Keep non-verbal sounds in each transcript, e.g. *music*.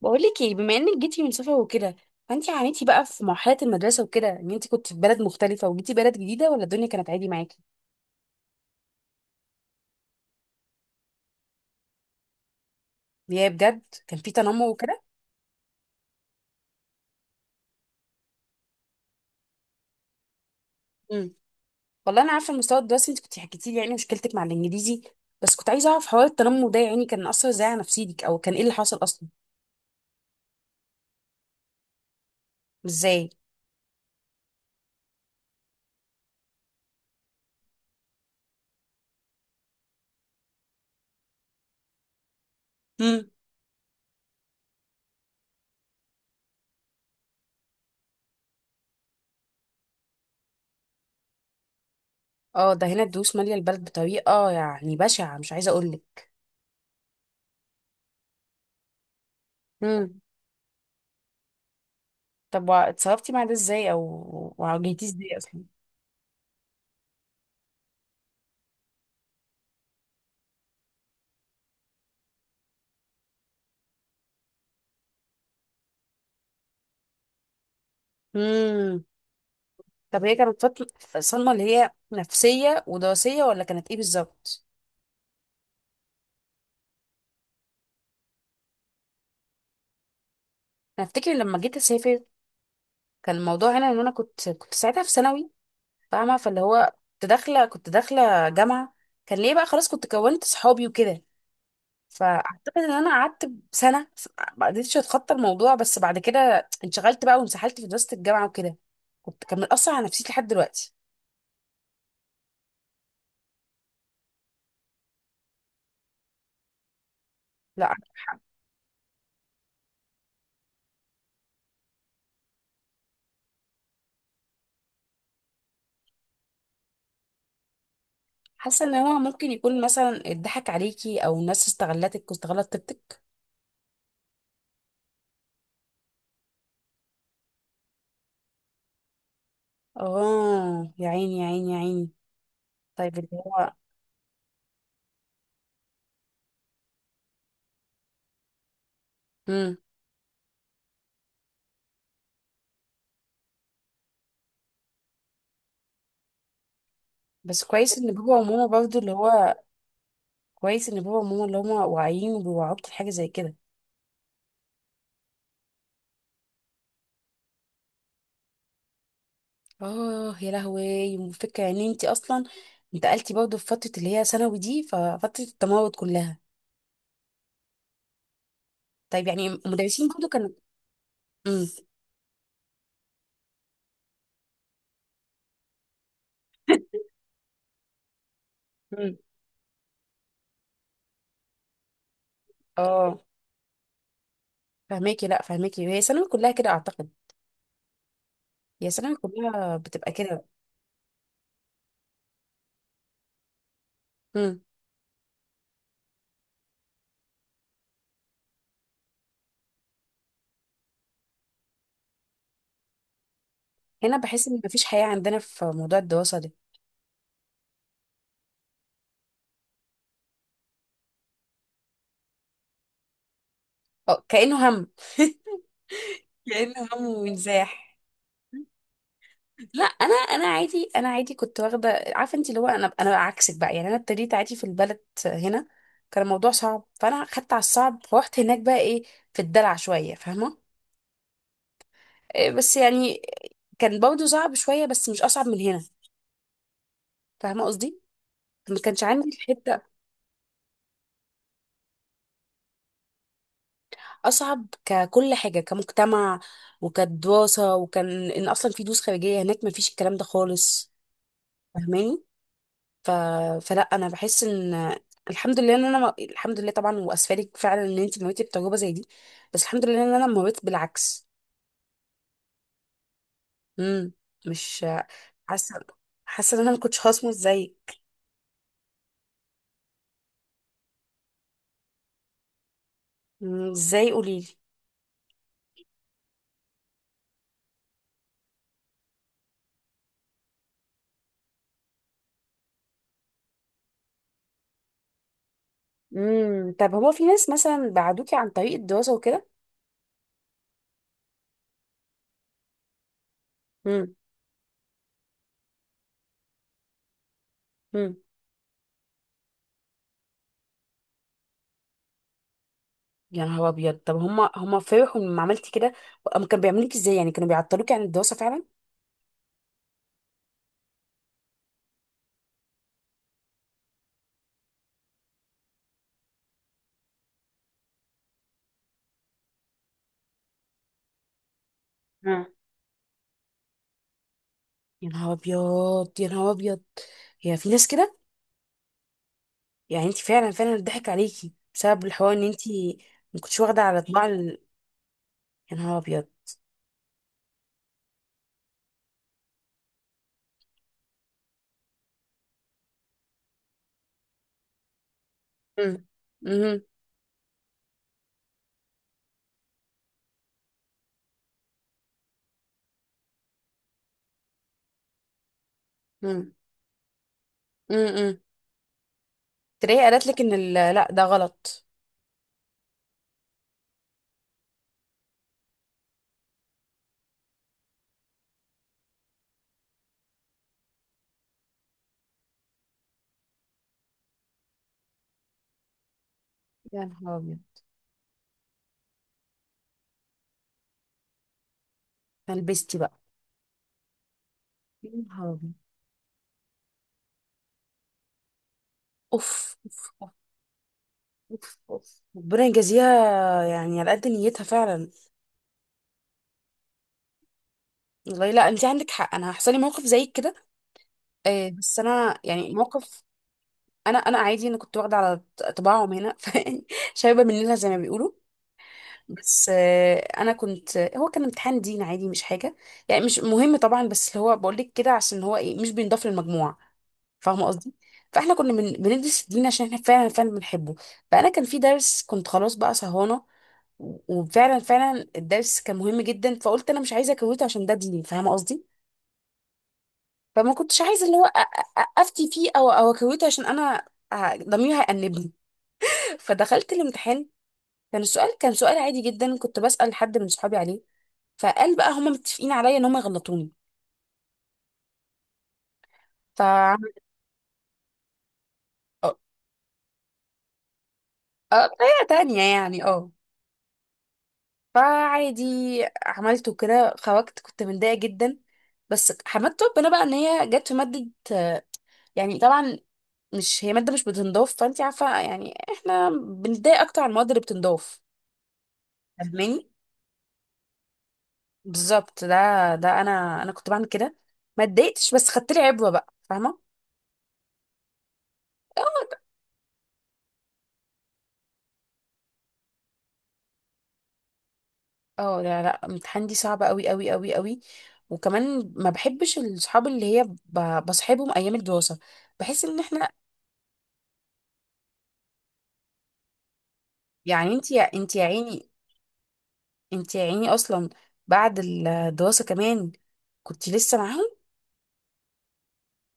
بقولك ايه، بما انك جيتي من سفر وكده، فانت عانيتي بقى في مرحله المدرسه وكده ان انت كنت في بلد مختلفه وجيتي بلد جديده، ولا الدنيا كانت عادي معاكي؟ اللي هي بجد كان في تنمر وكده؟ مم. والله انا عارفه المستوى الدراسي، انت كنت حكيتي لي يعني مشكلتك مع الانجليزي. بس كنت عايزه اعرف حوار التنمر ده، يعني كان اثر ازاي على نفسيتك، او كان ايه اللي حصل اصلا؟ ازاي؟ مم. اه، ده هنا الدروس ماليه البلد بطريقه يعني بشعه، مش عايزه اقولك. امم. طب، وع- اتصرفتي مع ده ازاي، او واجهتيه ازاي؟ اصلا. طب هي كانت فترة صدمة اللي هي نفسية ودراسية، ولا كانت ايه بالظبط؟ انا افتكر لما جيت اسافر كان الموضوع هنا ان انا كنت ساعتها في ثانوي، فاهمة، فاللي هو كنت داخلة جامعة. كان ليه بقى خلاص كنت كونت صحابي وكده، فاعتقد ان انا قعدت سنة ما قدرتش اتخطى الموضوع، بس بعد كده انشغلت بقى وانسحلت في دراسة الجامعة وكده. كنت كان مأثر على نفسيتي لحد دلوقتي. لا. حاسة ان هو ممكن يكون مثلا اتضحك عليكي، او الناس استغلتك واستغلت طيبتك. اه، يا عيني يا عيني يا عيني. طيب اللي هو... امم. بس كويس ان بابا وماما برضو اللي هو... كويس ان بابا وماما اللي هما واعيين وبيوعوك في حاجه زي كده. اه يا لهوي، فكره ان انت اصلا انتقلتي برضو في فتره اللي هي ثانوي دي، ففتره التمرد كلها. طيب يعني المدرسين برضو كانوا... امم. امم. اه. فهماكي، لا فهماكي، هي ثانوي كلها كده اعتقد. هي ثانوي كلها بتبقى كده. امم. هنا بحس ان مفيش حياه عندنا في موضوع الدراسه ده. اه، كانه هم. *laughs* كانه هم وانزاح. لا، انا انا عادي، انا عادي كنت واخده، عارفه انت اللي هو، انا عكسك بقى، يعني انا ابتديت عادي في البلد هنا. كان الموضوع صعب، فانا خدت على الصعب، فروحت هناك بقى ايه، في الدلع شويه فاهمه. إيه بس يعني كان برضه صعب شويه، بس مش اصعب من هنا، فاهمه قصدي، ما كانش عندي الحته. اصعب ككل حاجه، كمجتمع وكدراسه، وكان ان اصلا في دروس خارجيه هناك ما فيش الكلام ده خالص. فاهماني. ف... فلا انا بحس ان الحمد لله ان انا ما... الحمد لله طبعا، واسفلك فعلا ان انت مريتي بتجربه زي دي، بس الحمد لله ان انا مريت بالعكس. امم. مش حاسه، حاسه ان انا ما كنتش هصمت زيك. مم، ازاي قولي لي؟ امم. طب هو في ناس مثلا بعدوكي عن طريق الدراسه وكده؟ مم. مم. يا نهار ابيض. طب هم فرحوا لما عملتي كده؟ هم كانوا بيعملوك ازاي يعني، كانوا بيعطلوكي عن الدراسه فعلا؟ آه. يا نهار ابيض يا نهار ابيض، هي في ناس كده. يعني انت فعلا فعلا ضحك عليكي بسبب الحوار، ان انت ما كنتش واخده على طباع يا نهار ابيض. امم. امم. امم. امم. تلاقيها قالت لك ان لا ده غلط. يا نهار ابيض. فلبستي بقى. يا نهار ابيض. اوف اوف اوف. اوف اوف. ربنا يجازيها. يعني على قد نيتها فعلا. والله، لا انت عندك حق، انا هيحصل لي موقف زي كده. آه بس انا يعني موقف. انا عادي، انا كنت واخده على طباعهم هنا *laughs* فشايبه مننا زي ما بيقولوا. بس انا كنت، هو كان امتحان دين عادي، مش حاجه يعني، مش مهم طبعا، بس اللي هو بقول لك كده عشان هو ايه، مش بينضاف للمجموع، فاهمه قصدي. فاحنا كنا من بندرس الدين عشان احنا فعلا فعلا بنحبه. فانا كان في درس كنت خلاص بقى سهرانه، وفعلا فعلا الدرس كان مهم جدا، فقلت انا مش عايزه اكويته عشان ده ديني، فاهمه قصدي. فما كنتش عايزه اللي هو افتي فيه او اكويته، عشان انا ضميري هيأنبني. *laughs* فدخلت الامتحان، كان السؤال كان سؤال عادي جدا، كنت بسأل حد من صحابي عليه، فقال بقى هما متفقين عليا ان هما يغلطوني. ف *laughs* اه، طريقة تانية يعني اه. فعادي، عملته كده، خرجت كنت متضايقة جدا، بس حمدت ربنا بقى ان هي جت في مادة، يعني طبعا مش هي مادة مش بتنضاف، فانت عارفة يعني احنا بنتضايق اكتر على المواد اللي بتنضاف. فاهماني بالظبط، ده ده انا كنت بعمل كده، ما اتضايقتش بس خدت لي عبرة بقى، فاهمة. اه لا لا، امتحان دي صعبة قوي قوي قوي قوي. وكمان ما بحبش الصحاب اللي هي بصحابهم ايام الدراسة. بحس ان احنا يعني انت، يا انت يا عيني، انت يا عيني اصلا، بعد الدراسة كمان كنت لسه معاهم.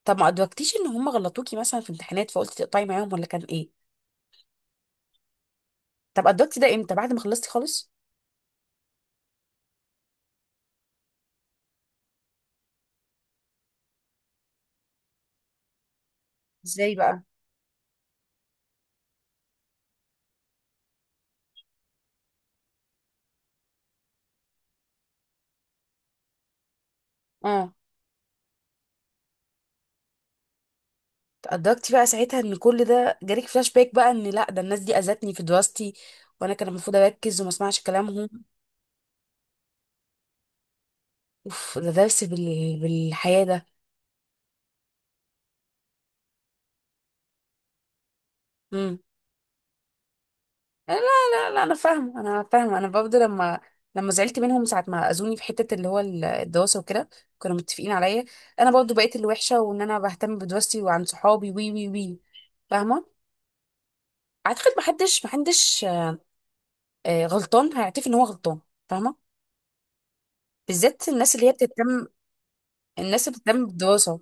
طب ما ادركتيش ان هم غلطوكي مثلا في امتحانات، فقلتي تقطعي معاهم، ولا كان ايه؟ طب ادركتي ده امتى، بعد ما خلصتي خالص؟ ازاي بقى؟ اه. ادركتي بقى ساعتها ان كل ده جالك فلاش باك بقى، ان لا ده الناس دي اذتني في دراستي، وانا كان المفروض اركز وما اسمعش كلامهم. اوف، ده درس بالحياة ده. امم. لا لا لا، انا فاهمه، انا فاهمه، انا برضه لما زعلت منهم ساعه ما اذوني في حته اللي هو الدراسه وكده، كانوا متفقين عليا. انا برضه بقيت الوحشه، وان انا بهتم بدراستي وعن صحابي، وي وي وي، فاهمه. اعتقد محدش غلطان هيعترف ان هو غلطان، فاهمه. بالذات الناس اللي هي بتهتم، الناس اللي بتهتم بالدراسه.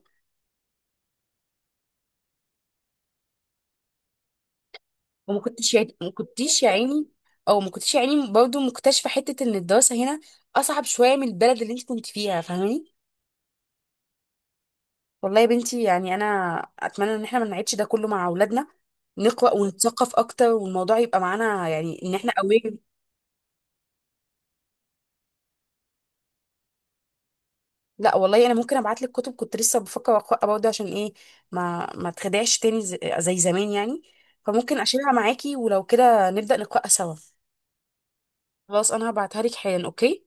وما كنتش ما كنتيش يا عيني، او ما كنتش يا عيني برضه مكتشفه حته ان الدراسه هنا اصعب شويه من البلد اللي انت كنت فيها، فاهماني. والله يا بنتي، يعني انا اتمنى ان احنا ما نعيدش ده كله مع اولادنا، نقرا ونتثقف اكتر، والموضوع يبقى معانا، يعني ان احنا قويين. لا والله، انا ممكن ابعت لك كتب كنت لسه بفكر اقراها برضه، عشان ايه، ما تخدعش تاني زي زمان يعني. فممكن اشيلها معاكي، ولو كده نبدا نقراها سوا. خلاص، انا هبعتها لك حالا اوكي.